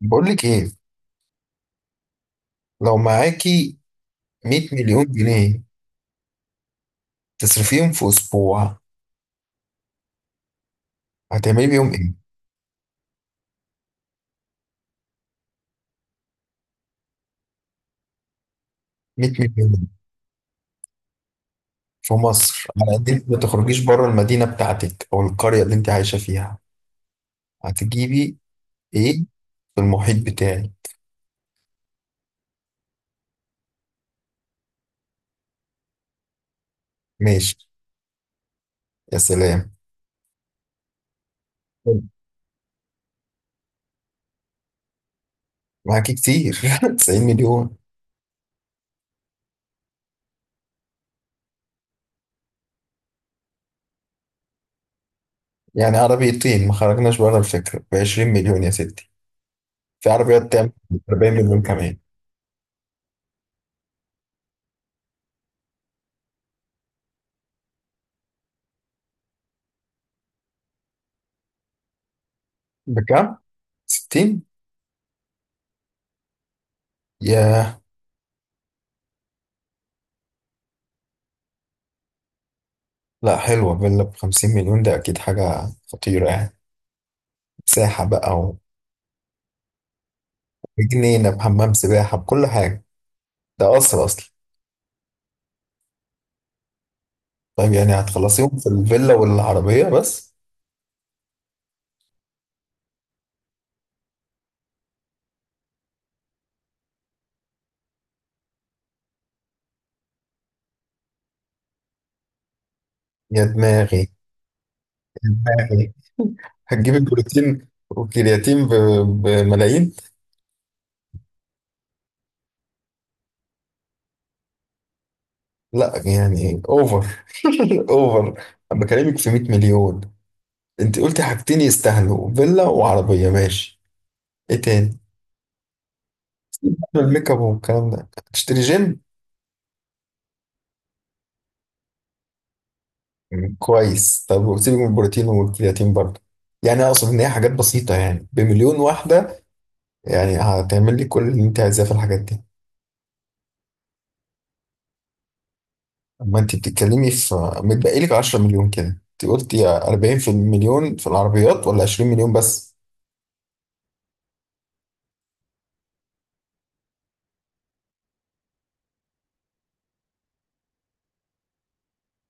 بقول لك ايه لو معاكي 100 مليون جنيه تصرفيهم في اسبوع هتعملي بيهم ايه؟ 100 مليون جنيه في مصر على قد انت ما تخرجيش بره المدينه بتاعتك او القريه اللي انت عايشه فيها هتجيبي ايه في المحيط بتاعي؟ ماشي، يا سلام، حلو. معاكي كتير 90 مليون، يعني عربيتين ما خرجناش بره الفكره ب 20 مليون يا ستي. في عربيات تعمل 40 مليون كمان؟ بكام؟ 60؟ ياه. لا حلوة، فيلا ب 50 مليون ده أكيد حاجة خطيرة يعني. مساحة بقى وجنينة بحمام سباحة بكل حاجة، ده قصر أصلا. طيب يعني هتخلصيهم في الفيلا والعربية بس؟ يا دماغي يا دماغي، هتجيب البروتين والكرياتين بملايين. لا يعني أوفر أوفر، أنا بكلمك في 100 مليون. أنت قلتي حاجتين يستاهلوا، فيلا وعربية ماشي. إيه تاني؟ الميك اب والكلام ده هتشتري جيم. مم. كويس، طب وسيبك من البروتين والكرياتين برضه، يعني اقصد ان هي حاجات بسيطه يعني بمليون واحده، يعني هتعمل لي كل اللي انت عايزاه في الحاجات دي، اما انت بتتكلمي في، متبقي لك 10 مليون كده، انت قلتي 40 في المليون في العربيات ولا 20 مليون بس.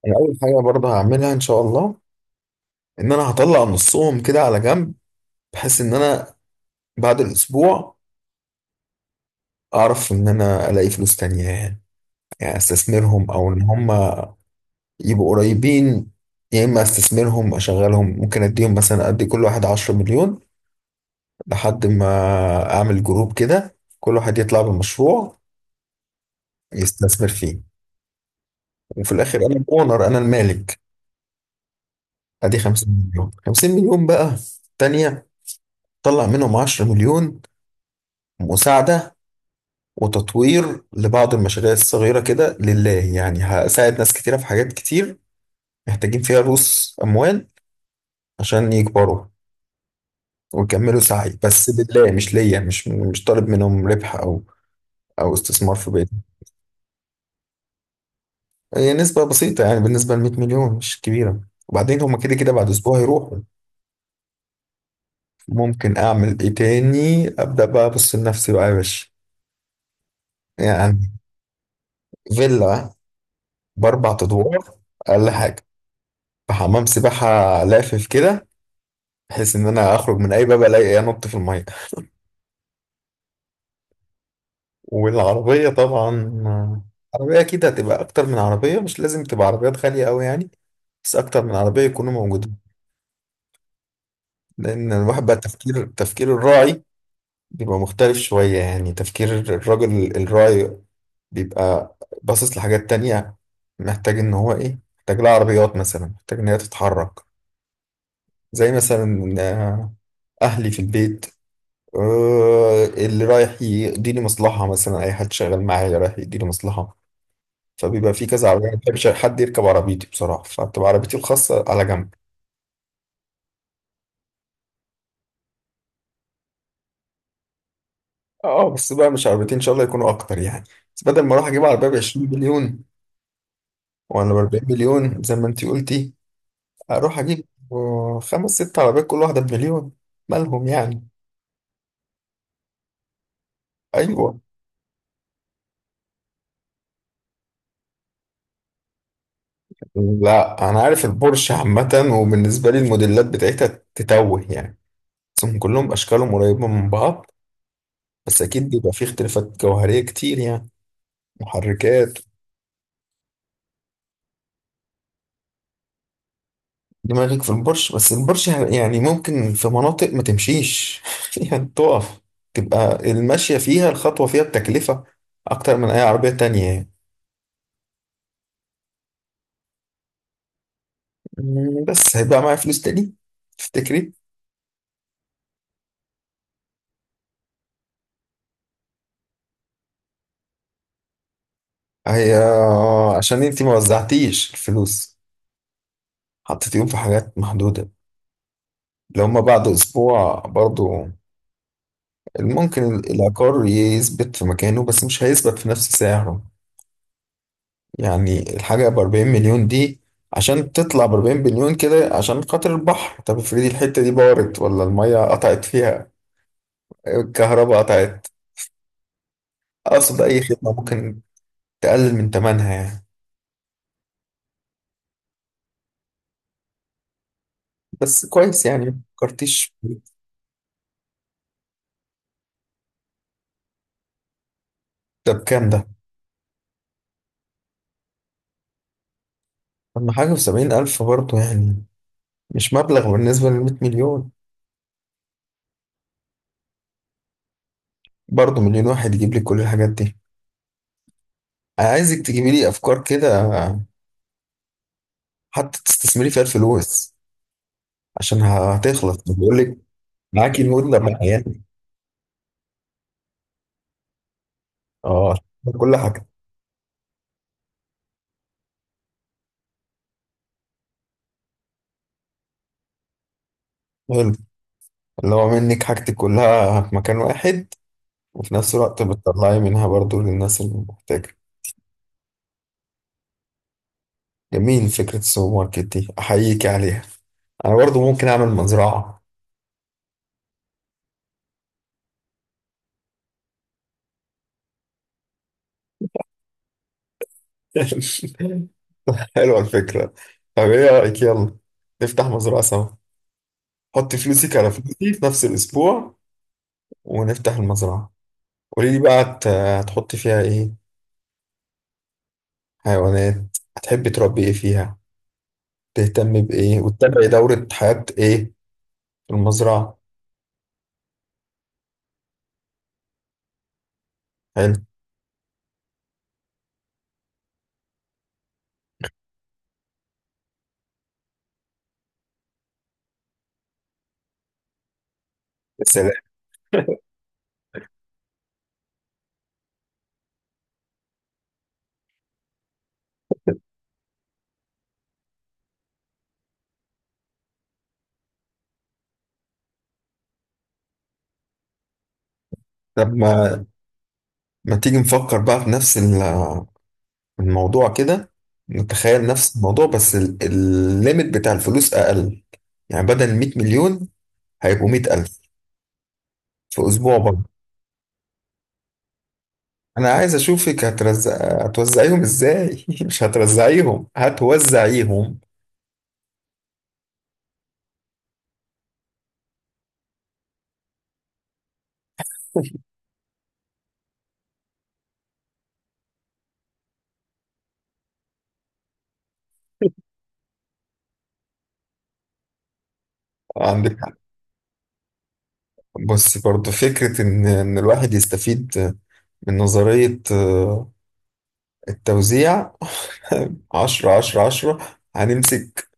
انا اول حاجه برضه هعملها ان شاء الله ان انا هطلع نصهم كده على جنب، بحيث ان انا بعد الاسبوع اعرف ان انا الاقي فلوس تانية يعني، يعني استثمرهم او ان هم يبقوا قريبين، يا اما استثمرهم اشغلهم، ممكن اديهم مثلا، ادي كل واحد 10 مليون لحد ما اعمل جروب كده كل واحد يطلع بمشروع يستثمر فيه، وفي الاخر انا الاونر انا المالك. ادي 50 مليون 50 مليون بقى تانية، طلع منهم 10 مليون مساعدة وتطوير لبعض المشاريع الصغيرة كده لله، يعني هساعد ناس كتيرة في حاجات كتير محتاجين فيها رؤوس أموال عشان يكبروا ويكملوا سعي، بس لله مش ليا، مش طالب منهم ربح او استثمار في بيتي. هي نسبة بسيطة يعني بالنسبة ل 100 مليون مش كبيرة، وبعدين هما كده كده بعد اسبوع هيروحوا. ممكن اعمل ايه تاني؟ ابدا بقى ابص لنفسي بقى يا باشا يعني، فيلا باربع ادوار اقل حاجة، بحمام سباحة، لافف كده، بحيث ان انا اخرج من اي باب الاقي انط في المية، والعربية طبعا. عربية كده هتبقى اكتر من عربية، مش لازم تبقى عربيات غالية قوي يعني، بس اكتر من عربيه يكونوا موجودين. لأن الواحد بقى تفكير الراعي بيبقى مختلف شوية، يعني تفكير الراجل الراعي بيبقى باصص لحاجات تانية، محتاج إن هو إيه، محتاج لها عربيات مثلا، محتاج إن هي تتحرك، زي مثلا أهلي في البيت، اللي رايح يقضي لي مصلحة، مثلا أي حد شغال معايا رايح يقضي لي مصلحة، فبيبقى في كذا عربية. أنا ما بحبش حد يركب عربيتي بصراحة فبتبقى عربيتي الخاصة على جنب. اه بس بقى مش عربيتين إن شاء الله يكونوا أكتر يعني، بس بدل ما أروح أجيب عربية ب 20 مليون وانا ب 40 مليون زي ما انت قلتي، اروح اجيب خمس ست عربيات كل واحده بمليون، مالهم يعني. ايوه. لا انا عارف البورش عامه، وبالنسبه لي الموديلات بتاعتها تتوه يعني، بس هم كلهم اشكالهم قريبه من بعض، بس اكيد بيبقى فيه اختلافات جوهريه كتير يعني، محركات. دماغك في البورش، بس البورش يعني ممكن في مناطق ما تمشيش يعني تقف، تبقى الماشيه فيها الخطوه فيها بتكلفه اكتر من اي عربيه تانية يعني. بس هيبقى معايا فلوس تاني، تفتكري؟ هي عشان انتي ما وزعتيش الفلوس، حطيتيهم في حاجات محدودة، لو هما بعد اسبوع برضو ممكن العقار يثبت في مكانه بس مش هيثبت في نفس سعره، يعني الحاجة ب 40 مليون دي، عشان تطلع ب 40 مليون كده عشان خاطر البحر، طب افرضي الحتة دي بارت ولا المية قطعت فيها، الكهرباء قطعت، اقصد اي خدمة ممكن تقلل من تمنها يعني. بس كويس يعني ما فكرتيش. ده بكام ده؟ أما حاجة في 70 ألف برضه يعني، مش مبلغ بالنسبة لل 100 مليون، برضه مليون واحد يجيب لك كل الحاجات دي. أنا عايزك تجيبي لي أفكار كده حتى تستثمري فيها الفلوس، عشان هتخلص بيقول لك، معاكي المدة بقى يعني. اه، كل حاجة، حلو، اللي هو منك حاجتك كلها في مكان واحد، وفي نفس الوقت بتطلعي منها برضه للناس اللي محتاجة. جميل، فكرة السوبر ماركت دي أحييك عليها. أنا برضه ممكن أعمل مزرعة. حلوة الفكرة، طب ايه رأيك يلا نفتح مزرعة سوا، حط فلوسك على فلوسي في نفس الأسبوع، ونفتح المزرعة. قولي لي بقى هتحطي فيها ايه، حيوانات هتحبي تربي ايه فيها، تهتمي بإيه وتتابعي دورة حياة ايه في المزرعة. حلو، يا سلام. طب ما تيجي نفكر بقى في نفس الموضوع كده، نتخيل نفس الموضوع بس الليميت بتاع الفلوس أقل، يعني بدل 100 مليون هيبقوا 100 ألف في أسبوع برضه. انا عايز اشوفك هتوزعيهم ازاي مش هترزعيهم هتوزعيهم. عندك حق. بص برضو فكرة ان الواحد يستفيد من نظرية التوزيع. عشرة عشرة عشرة هنمسك،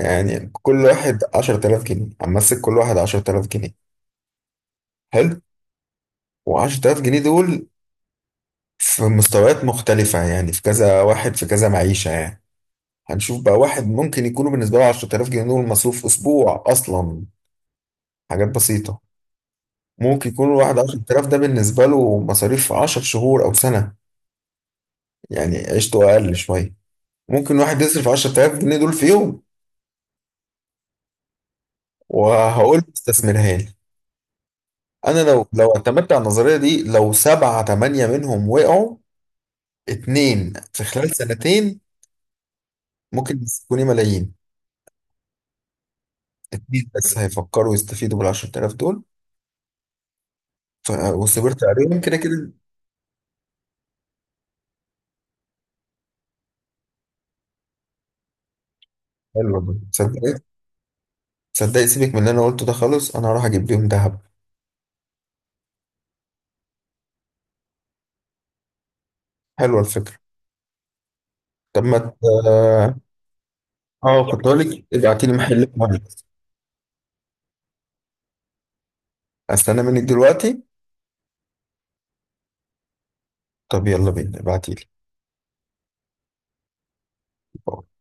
يعني كل واحد 10000 جنيه، هنمسك كل واحد 10000 جنيه. حلو، و 10000 جنيه دول في مستويات مختلفة يعني، في كذا واحد في كذا معيشة يعني، هنشوف بقى. واحد ممكن يكونوا بالنسبة له 10000 جنيه دول مصروف أسبوع أصلا، حاجات بسيطة. ممكن يكون الواحد 10000 ده بالنسبة له مصاريف 10 شهور أو سنة، يعني عيشته أقل شوية. ممكن واحد يصرف 10000 جنيه دول في يوم، وهقول له استثمرها لي. أنا لو اعتمدت على النظرية دي، لو سبعة تمانية منهم وقعوا، اتنين في خلال سنتين ممكن يكونوا ملايين. اتنين بس هيفكروا يستفيدوا بال 10000 دول، وصبرت عليهم كده كده. حلو والله. صدقني، صدقني سيبك من اللي أنا قلته ده خالص، أنا هروح أجيب بيهم ذهب. حلوة الفكرة، طب ما اه كنت اقول لك ابعتي لي محل كويس. استنى منك دلوقتي؟ طب يلا بينا، ابعتي لي